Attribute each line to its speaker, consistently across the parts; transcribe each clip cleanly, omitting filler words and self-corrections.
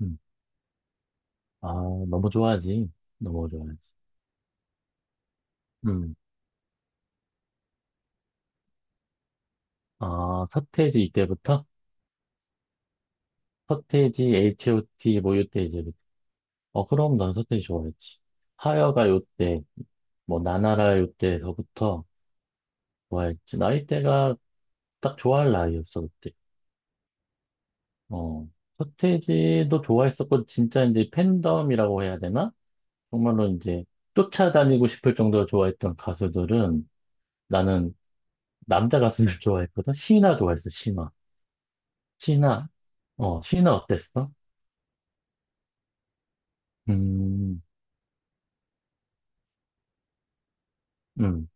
Speaker 1: 음. 아, 너무 좋아하지. 너무 좋아하지. 음. 아, 서태지 이때부터? 서태지, H.O.T. 뭐 요때 이제부터. 어, 그럼 난 서태지 좋아했지. 하여가 요때, 뭐 나나라 요때서부터 좋아했지. 나이대가 딱 좋아할 나이였어, 그때. 어. 서태지도 좋아했었고, 진짜 이제 팬덤이라고 해야 되나? 정말로 이제 쫓아다니고 싶을 정도로 좋아했던 가수들은 나는 남자 가수를 좋아했거든? 신화 좋아했어, 신화. 신화, 어, 신화 어땠어? 음, 음,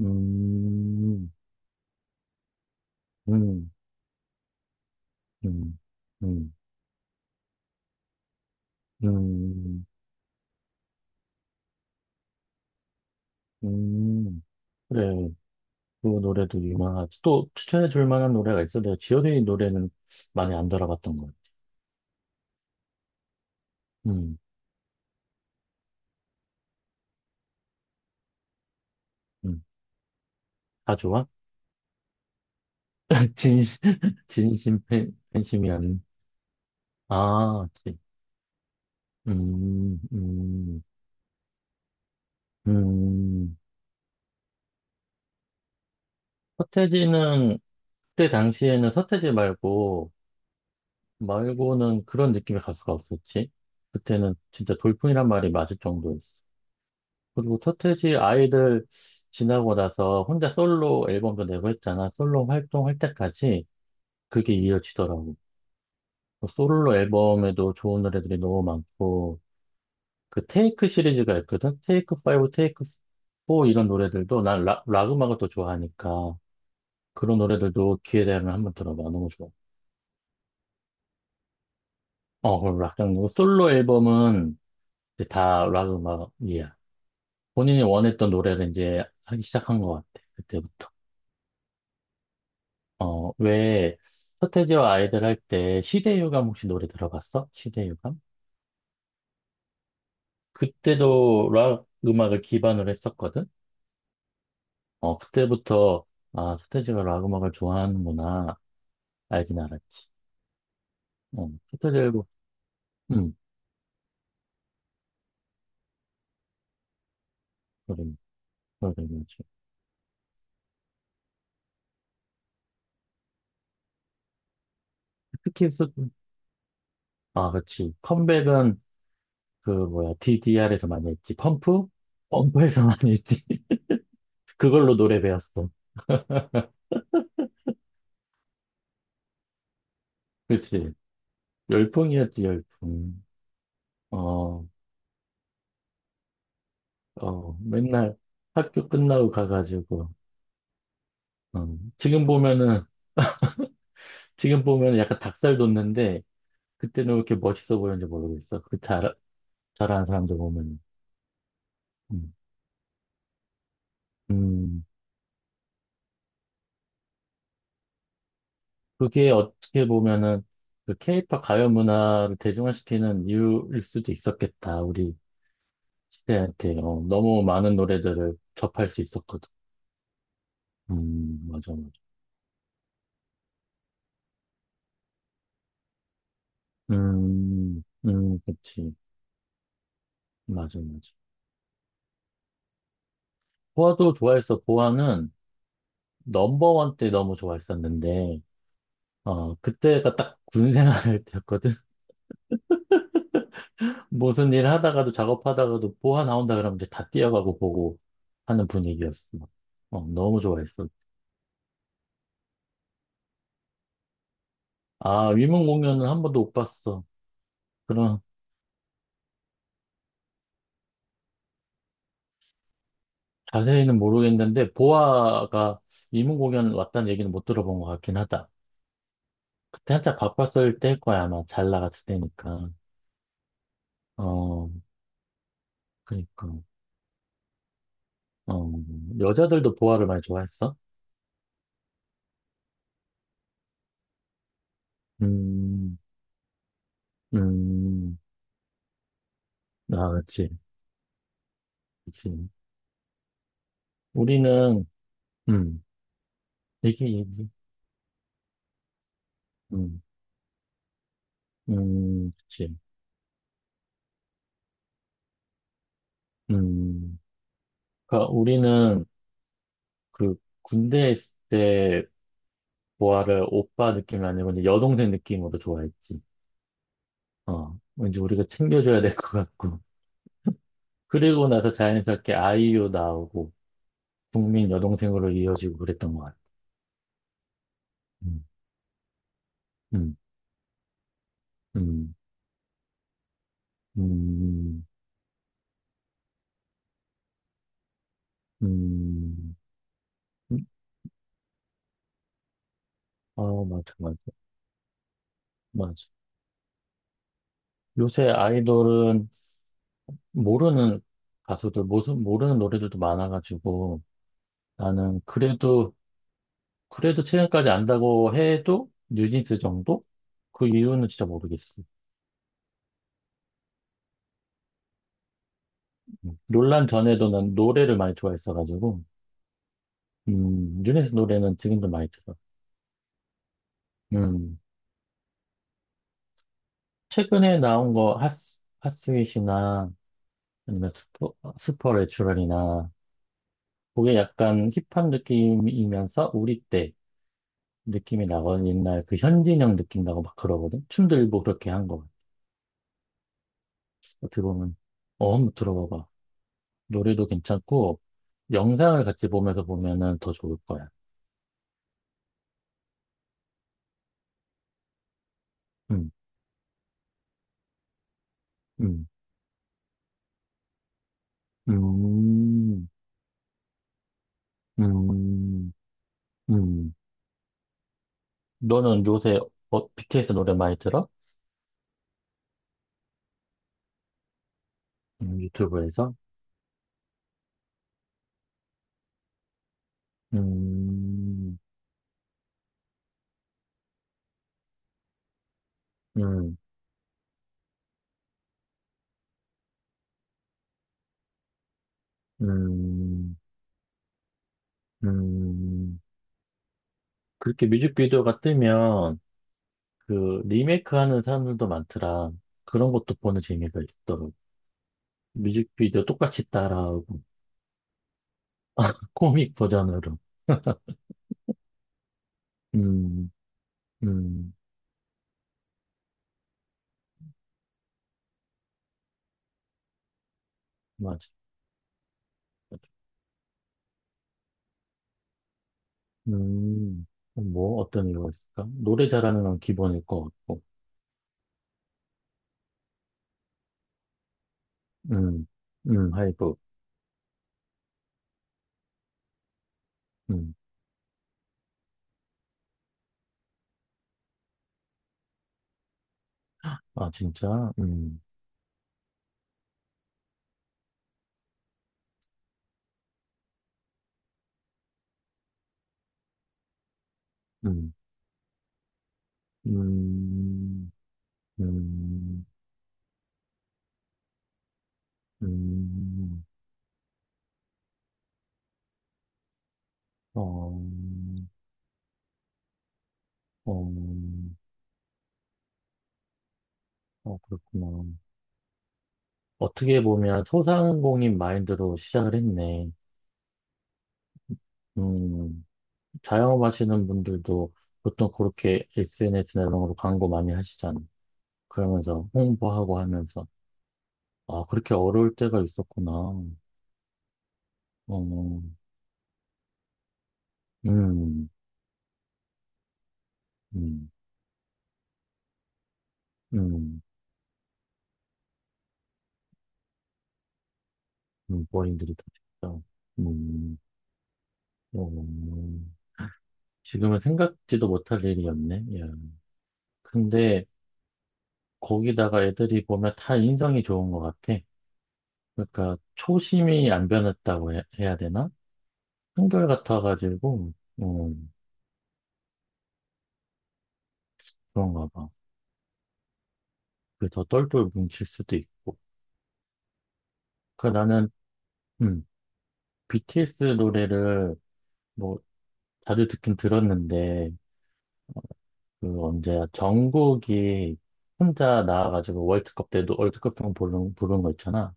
Speaker 1: 음, 음, 음, 음, 음, 음. 그래, 그 노래도 유명하지. 또 추천해 줄 만한 노래가 있어? 내가 지효의 노래는 많이 안 들어봤던 것 같아. 음, 음. 다 좋아? 진심, 진심 팬, 팬심이 아닌. 아, 그치. 음, 음, 음. 서태지는, 그때 당시에는 서태지 말고, 말고는 그런 느낌의 가수가 없었지. 그때는 진짜 돌풍이란 말이 맞을 정도였어. 그리고 서태지 아이들 지나고 나서 혼자 솔로 앨범도 내고 했잖아. 솔로 활동할 때까지 그게 이어지더라고. 뭐 솔로 앨범에도 좋은 노래들이 너무 많고, 그 테이크 시리즈가 있거든? 테이크 5, 테이크 4 이런 노래들도 난 락 음악을 또 좋아하니까 그런 노래들도 기회 되면 한번 들어봐. 너무 좋아. 어, 그럼 락, 그리고 솔로 앨범은 이제 다 락 음악이야. 본인이 원했던 노래를 이제 하기 시작한 것 같아. 그때부터. 어, 왜 서태지와 아이들 할 때 시대유감 혹시 노래 들어봤어? 시대유감? 그때도 락 음악을 기반으로 했었거든? 어, 그때부터 아, 서태지가 락 음악을 좋아하는구나 알긴 알았지. 어, 서태지 앨범, 음, 노래, 노래 들려줘. 특히 서, 아, 그렇지. 컴백은 그 뭐야, DDR에서 많이 했지. 펌프? 펌프에서 많이 했지. 그걸로 노래 배웠어. 그렇지. 열풍이었지, 열풍. 어, 어, 맨날 학교 끝나고 가가지고, 어, 지금 보면은, 지금 보면은 약간 닭살 돋는데, 그때는 왜 이렇게 멋있어 보였는지 모르겠어. 그 잘, 잘하는 사람들 보면. 음, 음, 그게 어떻게 보면은, 그 케이팝 가요 문화를 대중화시키는 이유일 수도 있었겠다. 우리 시대한테, 어, 너무 많은 노래들을 접할 수 있었거든. 맞아, 맞아. 그치. 맞아, 맞아. 보아도 좋아했어. 보아는 넘버원 때 너무 좋아했었는데, 어, 그때가 딱 군 생활할 때였거든. 무슨 일 하다가도 작업하다가도 보아 나온다 그러면 이제 다 뛰어가고 보고 하는 분위기였어. 어, 너무 좋아했어. 아, 위문 공연은 한 번도 못 봤어. 그럼 자세히는 모르겠는데, 보아가 위문 공연 왔다는 얘기는 못 들어본 것 같긴 하다. 그때 한참 바빴을 때일 거야, 아마. 잘 나갔을 때니까. 어, 그니까. 어, 여자들도 보아를 많이 좋아했어? 음, 음, 아, 그치, 그치. 우리는, 음, 얘기, 얘기, 음, 그치, 음. 그러니까 우리는 그 군대에 있을 때 보아를 오빠 느낌이 아니고 이제 여동생 느낌으로 좋아했지. 어, 왠지 우리가 챙겨줘야 될 것 같고. 그리고 나서 자연스럽게 아이유 나오고, 국민 여동생으로 이어지고 그랬던 것 같아. 음, 음, 음, 음, 음. 음. 아, 맞아, 맞아. 맞아. 요새 아이돌은 모르는 가수들, 모르는 노래들도 많아가지고 나는 그래도, 그래도 최근까지 안다고 해도 뉴진스 정도? 그 이유는 진짜 모르겠어. 음. 논란 전에도 난 노래를 많이 좋아했어가지고, 뉴진스 노래는 지금도 많이 들어. 음, 최근에 나온 거 핫스, 핫스윗이나 아니면 스포, 스퍼레츄럴이나 그게 약간 힙한 느낌이면서 우리 때 느낌이 나거든. 옛날 그 현진영 느낌 나고 막 그러거든. 춤도 일부 그렇게 한 거. 어떻게 보면, 어, 한번 들어봐봐. 노래도 괜찮고, 영상을 같이 보면서 보면은 더 좋을 거야. 음, 음, 음, 음, 음. 너는 요새 어, BTS 노래 많이 들어? 유튜브에서? 음, 음, 음, 음. 그렇게 뮤직비디오가 뜨면 그 리메이크 하는 사람들도 많더라. 그런 것도 보는 재미가 있더라고. 뮤직비디오 똑같이 따라하고, 코믹 버전으로. 음, 음, 맞아. 맞아. 음, 뭐, 어떤 이유가 있을까? 노래 잘하는 건 기본일 것 같고, 음, 하이브, 음, 아, 진짜? 음, 음, 음, 음, 어, 어, 어, 그렇구나. 어떻게 보면 소상공인 마인드로 시작을 했네. 음, 자영업하시는 분들도 보통 그렇게 SNS나 이런 걸로 광고 많이 하시잖아요. 그러면서 홍보하고 하면서 아 그렇게 어려울 때가 있었구나. 어, 음, 음, 음, 어린들이 다 진짜. 음, 어, 어, 어. 지금은 생각지도 못할 일이었네. 예. 근데 거기다가 애들이 보면 다 인성이 좋은 것 같아. 그러니까 초심이 안 변했다고 해, 야 되나? 한결같아가지고 어, 그런가 봐. 그 더 똘똘 뭉칠 수도 있고. 그 나는 음, BTS 노래를 뭐 자주 듣긴 들었는데 그 언제야 정국이 혼자 나와가지고 월드컵 때도 월드컵송 부른 거 있잖아.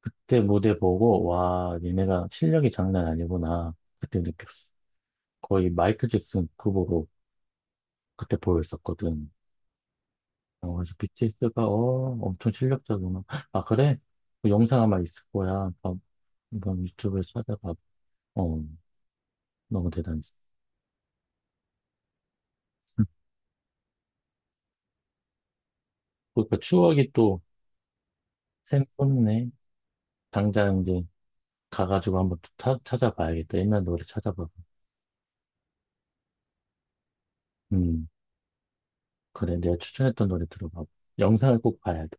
Speaker 1: 그때 무대 보고 와 얘네가 실력이 장난 아니구나 그때 느꼈어. 거의 마이클 잭슨 급으로 그때 보였었거든. 어, 그래서 BTS가 어 엄청 실력자구나. 아 그래? 그 영상 아마 있을 거야. 한번 유튜브에서 찾아봐. 어 너무 대단했어. 그러니까 추억이 또 샘솟네. 당장 이제 가가지고 한번 또 찾아봐야겠다. 옛날 노래 찾아봐. 음, 그래. 내가 추천했던 노래 들어봐. 영상을 꼭 봐야 돼.